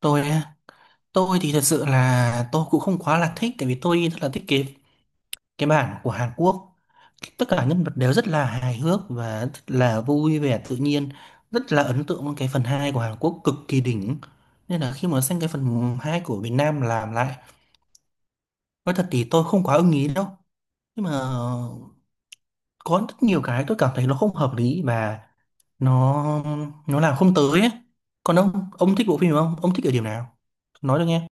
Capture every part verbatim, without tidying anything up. tôi á, tôi thì thật sự là tôi cũng không quá là thích, tại vì tôi rất là thích cái cái bản của Hàn Quốc. Tất cả nhân vật đều rất là hài hước và rất là vui vẻ tự nhiên, rất là ấn tượng với cái phần hai của Hàn Quốc, cực kỳ đỉnh. Nên là khi mà xem cái phần hai của Việt Nam làm lại, nói thật thì tôi không quá ưng ý đâu. Nhưng mà có rất nhiều cái tôi cảm thấy nó không hợp lý và nó nó làm không tới ấy. Còn ông ông thích bộ phim này không, ông thích ở điểm nào nói được nghe.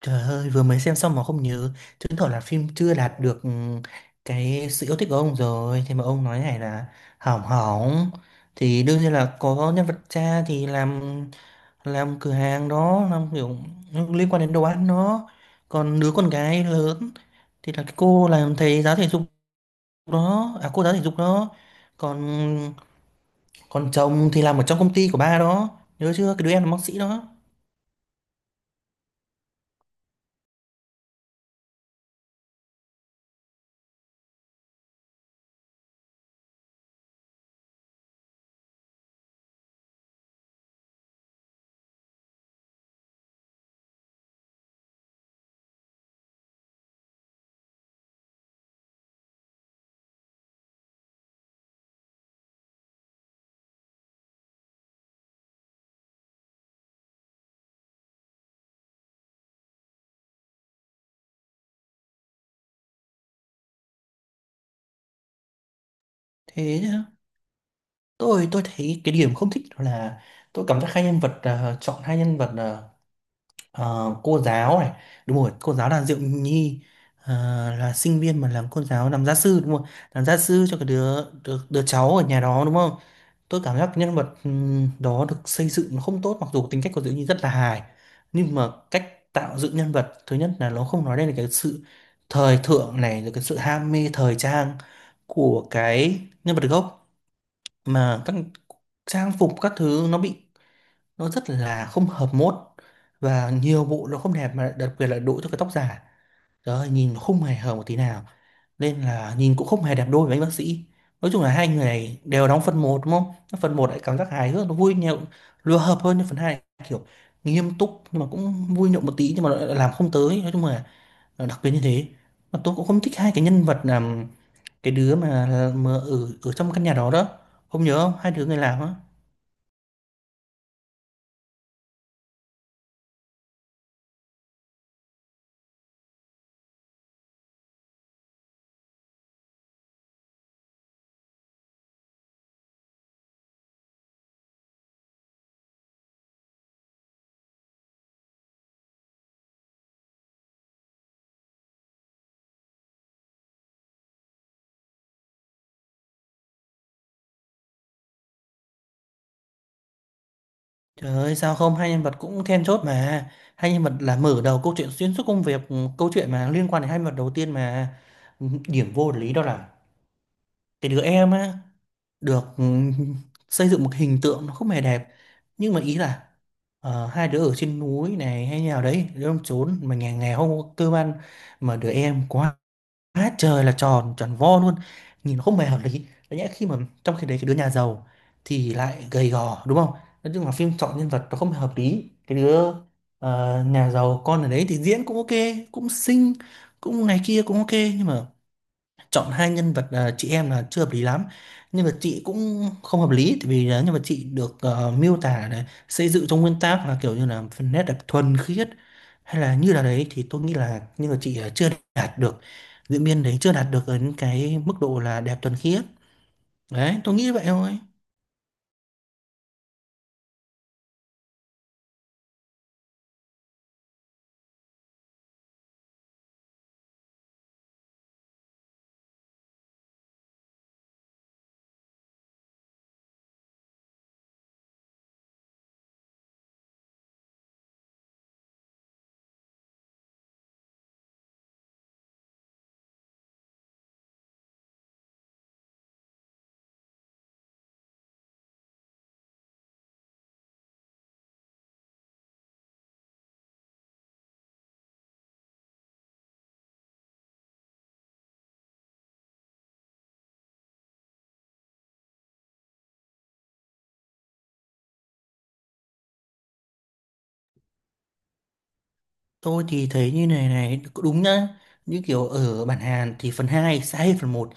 Trời ơi, vừa mới xem xong mà không nhớ, chứng tỏ là phim chưa đạt được ừ, cái sự yêu thích của ông rồi. Thế mà ông nói này là hỏng hỏng, thì đương nhiên là có nhân vật cha thì làm làm cửa hàng đó, làm kiểu liên quan đến đồ ăn đó. Còn đứa con gái lớn thì là cái cô làm thầy giáo thể dục đó, à cô giáo thể dục đó. Còn còn chồng thì làm ở trong công ty của ba đó, nhớ chưa? Cái đứa em là bác sĩ đó. Thế tôi tôi thấy cái điểm không thích đó là tôi cảm giác hai nhân vật, à, chọn hai nhân vật là ờ, cô giáo này, đúng rồi, cô giáo là Diệu Nhi, ờ, là sinh viên mà làm cô giáo làm gia sư đúng không, làm gia sư cho cái đứa đứa, đứa cháu ở nhà đó đúng không. Tôi cảm giác nhân vật ừm, đó được xây dựng nó không tốt, mặc dù tính cách của Diệu Nhi rất là hài, nhưng mà cách tạo dựng nhân vật, thứ nhất là nó không nói lên được cái sự thời thượng này, rồi cái sự ham mê thời trang của cái nhân vật gốc, mà các trang phục các thứ nó bị, nó rất là không hợp mốt và nhiều bộ nó không đẹp, mà đặc biệt là đội cho cái tóc giả. Trời ơi, nhìn không hề hợp một tí nào, nên là nhìn cũng không hề đẹp đôi với anh bác sĩ. Nói chung là hai người này đều đóng phần một đúng không, phần một lại cảm giác hài hước nó vui nhộn, lừa hợp hơn, nhưng phần hai kiểu nghiêm túc nhưng mà cũng vui nhộn một tí nhưng mà lại làm không tới. Nói chung là ờ, đặc biệt như thế, mà tôi cũng không thích hai cái nhân vật là cái đứa mà, mà ở ở trong căn nhà đó đó, không nhớ không, hai đứa người làm á. Trời ơi, sao không, hai nhân vật cũng then chốt mà, hai nhân vật là mở đầu câu chuyện, xuyên suốt công việc, ừ, câu chuyện mà liên quan đến hai nhân vật đầu tiên mà. ừ, điểm vô lý đó là cái đứa em á được ừ, xây dựng một hình tượng nó không hề đẹp, nhưng mà ý là ờ, hai đứa ở trên núi này hay nhà đấy đứa ông trốn mà nhà nghèo không có cơ ăn, mà đứa em quá, quá trời là tròn tròn vo luôn, nhìn nó không hề hợp lý. Đấy nhẽ khi mà, trong khi đấy cái đứa nhà giàu thì lại gầy gò đúng không. Nói chung là phim chọn nhân vật nó không hề hợp lý. Cái đứa ờ, nhà giàu con ở đấy thì diễn cũng ok, cũng xinh, cũng này kia, cũng ok, nhưng mà chọn hai nhân vật, à, chị em là chưa hợp lý lắm. Nhân vật chị cũng không hợp lý, tại vì là nhân vật chị được ờ, miêu tả này xây dựng trong nguyên tác là kiểu như là phần nét đẹp thuần khiết hay là như là đấy, thì tôi nghĩ là nhân vật chị là chưa đạt được, diễn viên đấy chưa đạt được đến cái mức độ là đẹp thuần khiết. Đấy, tôi nghĩ vậy thôi. Tôi thì thấy như này này cũng đúng nhá. Như kiểu ở bản Hàn thì phần hai sẽ hay hơn phần một,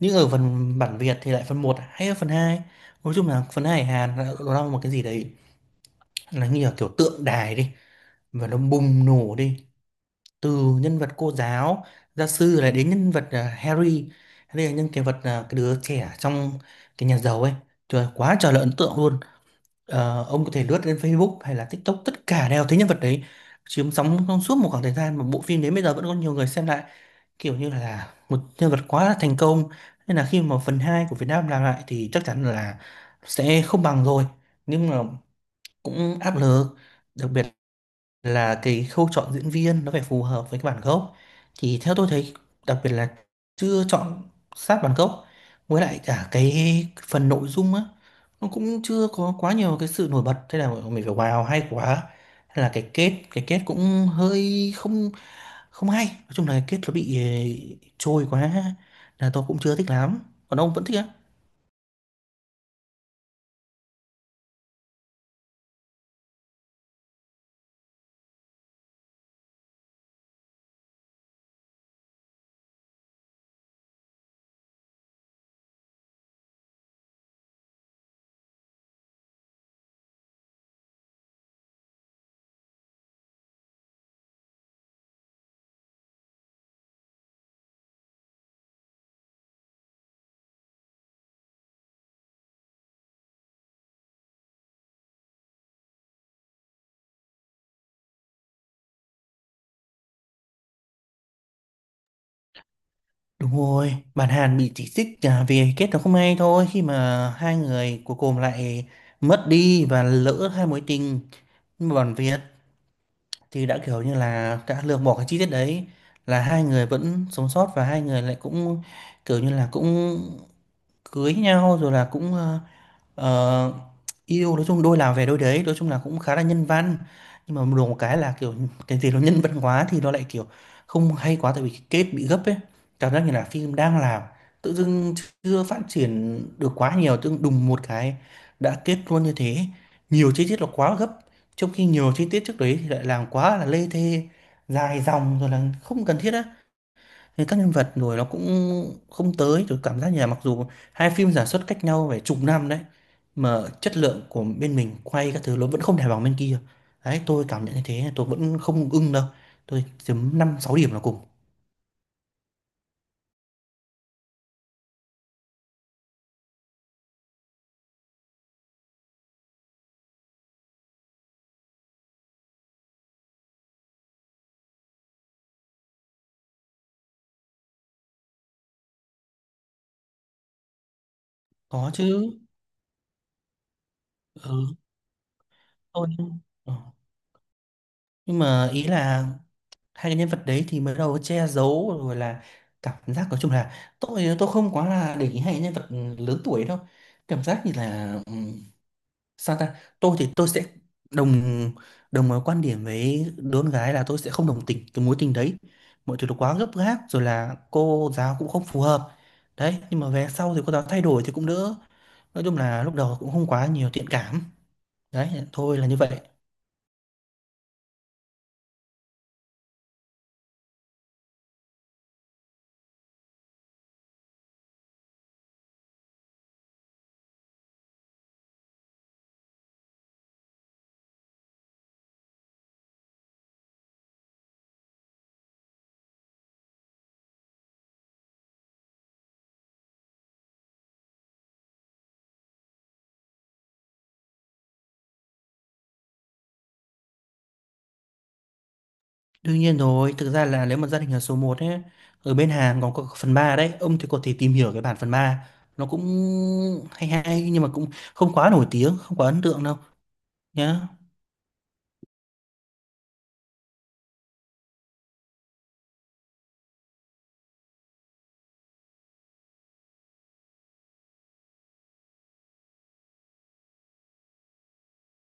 nhưng ở phần bản Việt thì lại phần một hay hơn phần hai. Nói chung là phần hai Hàn là- nó là một cái gì đấy, nó như là kiểu tượng đài đi và nó bùng nổ đi. Từ nhân vật cô giáo gia sư lại đến nhân vật, à, Harry Harry là nhân cái vật à, cái đứa trẻ trong cái nhà giàu ấy, trời quá trời là ấn tượng luôn. Ờ, ông có thể lướt lên Facebook hay là TikTok, tất cả đều thấy nhân vật đấy chiếm sóng trong suốt một khoảng thời gian mà bộ phim đến bây giờ vẫn có nhiều người xem lại, kiểu như là một nhân vật quá là thành công. Nên là khi mà phần hai của Việt Nam làm lại thì chắc chắn là sẽ không bằng rồi, nhưng mà cũng áp lực, đặc biệt là cái khâu chọn diễn viên nó phải phù hợp với cái bản gốc. Thì theo tôi thấy, đặc biệt là chưa chọn sát bản gốc. Với lại cả cái phần nội dung á, nó cũng chưa có quá nhiều cái sự nổi bật thế là mình phải wow hay quá, hay là cái kết, cái kết cũng hơi không không hay. Nói chung là cái kết nó bị eh, trôi quá, là tôi cũng chưa thích lắm. Còn ông vẫn thích á? Đúng rồi, bạn Hàn bị chỉ trích, à, vì kết nó không hay thôi, khi mà hai người cuối cùng lại mất đi và lỡ hai mối tình. Nhưng mà bản Việt thì đã kiểu như là đã lược bỏ cái chi tiết đấy, là hai người vẫn sống sót và hai người lại cũng kiểu như là cũng cưới nhau rồi là cũng ờ, Ờ, yêu. Nói chung đôi nào về đôi đấy, nói chung là cũng khá là nhân văn, nhưng mà được một cái là kiểu cái gì nó nhân văn quá thì nó lại kiểu không hay quá, tại vì cái kết bị gấp ấy. Cảm giác như là phim đang làm, tự dưng chưa phát triển được quá nhiều, tự dưng đùng một cái đã kết luôn như thế. Nhiều chi tiết là quá gấp, trong khi nhiều chi tiết trước đấy thì lại làm quá là lê thê, dài dòng rồi là không cần thiết á. Thế các nhân vật rồi nó cũng không tới, tôi cảm giác như là mặc dù hai phim sản xuất cách nhau phải chục năm đấy mà chất lượng của bên mình quay các thứ nó vẫn không thể bằng bên kia. Đấy tôi cảm nhận như thế, tôi vẫn không ưng đâu, tôi chấm năm sáu điểm là cùng. Có chứ. Ừ, tôi. Ừ. Nhưng mà ý là hai cái nhân vật đấy thì mới đầu che giấu rồi là, cảm giác nói chung là tôi tôi không quá là để ý hai cái nhân vật lớn tuổi đâu. Cảm giác như là sao ta, tôi thì tôi sẽ đồng đồng ờ, quan điểm với đứa con gái là tôi sẽ không đồng tình cái mối tình đấy. Mọi thứ nó quá gấp gáp rồi là cô giáo cũng không phù hợp đấy, nhưng mà về sau thì cô giáo thay đổi thì cũng đỡ. Nói chung là lúc đầu cũng không quá nhiều thiện cảm đấy thôi, là như vậy. Đương nhiên rồi, thực ra là nếu mà gia đình là số một ấy, ở bên Hàn còn có phần ba đấy, ông thì có thể tìm hiểu cái bản phần ba, nó cũng hay hay nhưng mà cũng không quá nổi tiếng, không quá ấn tượng đâu nhá.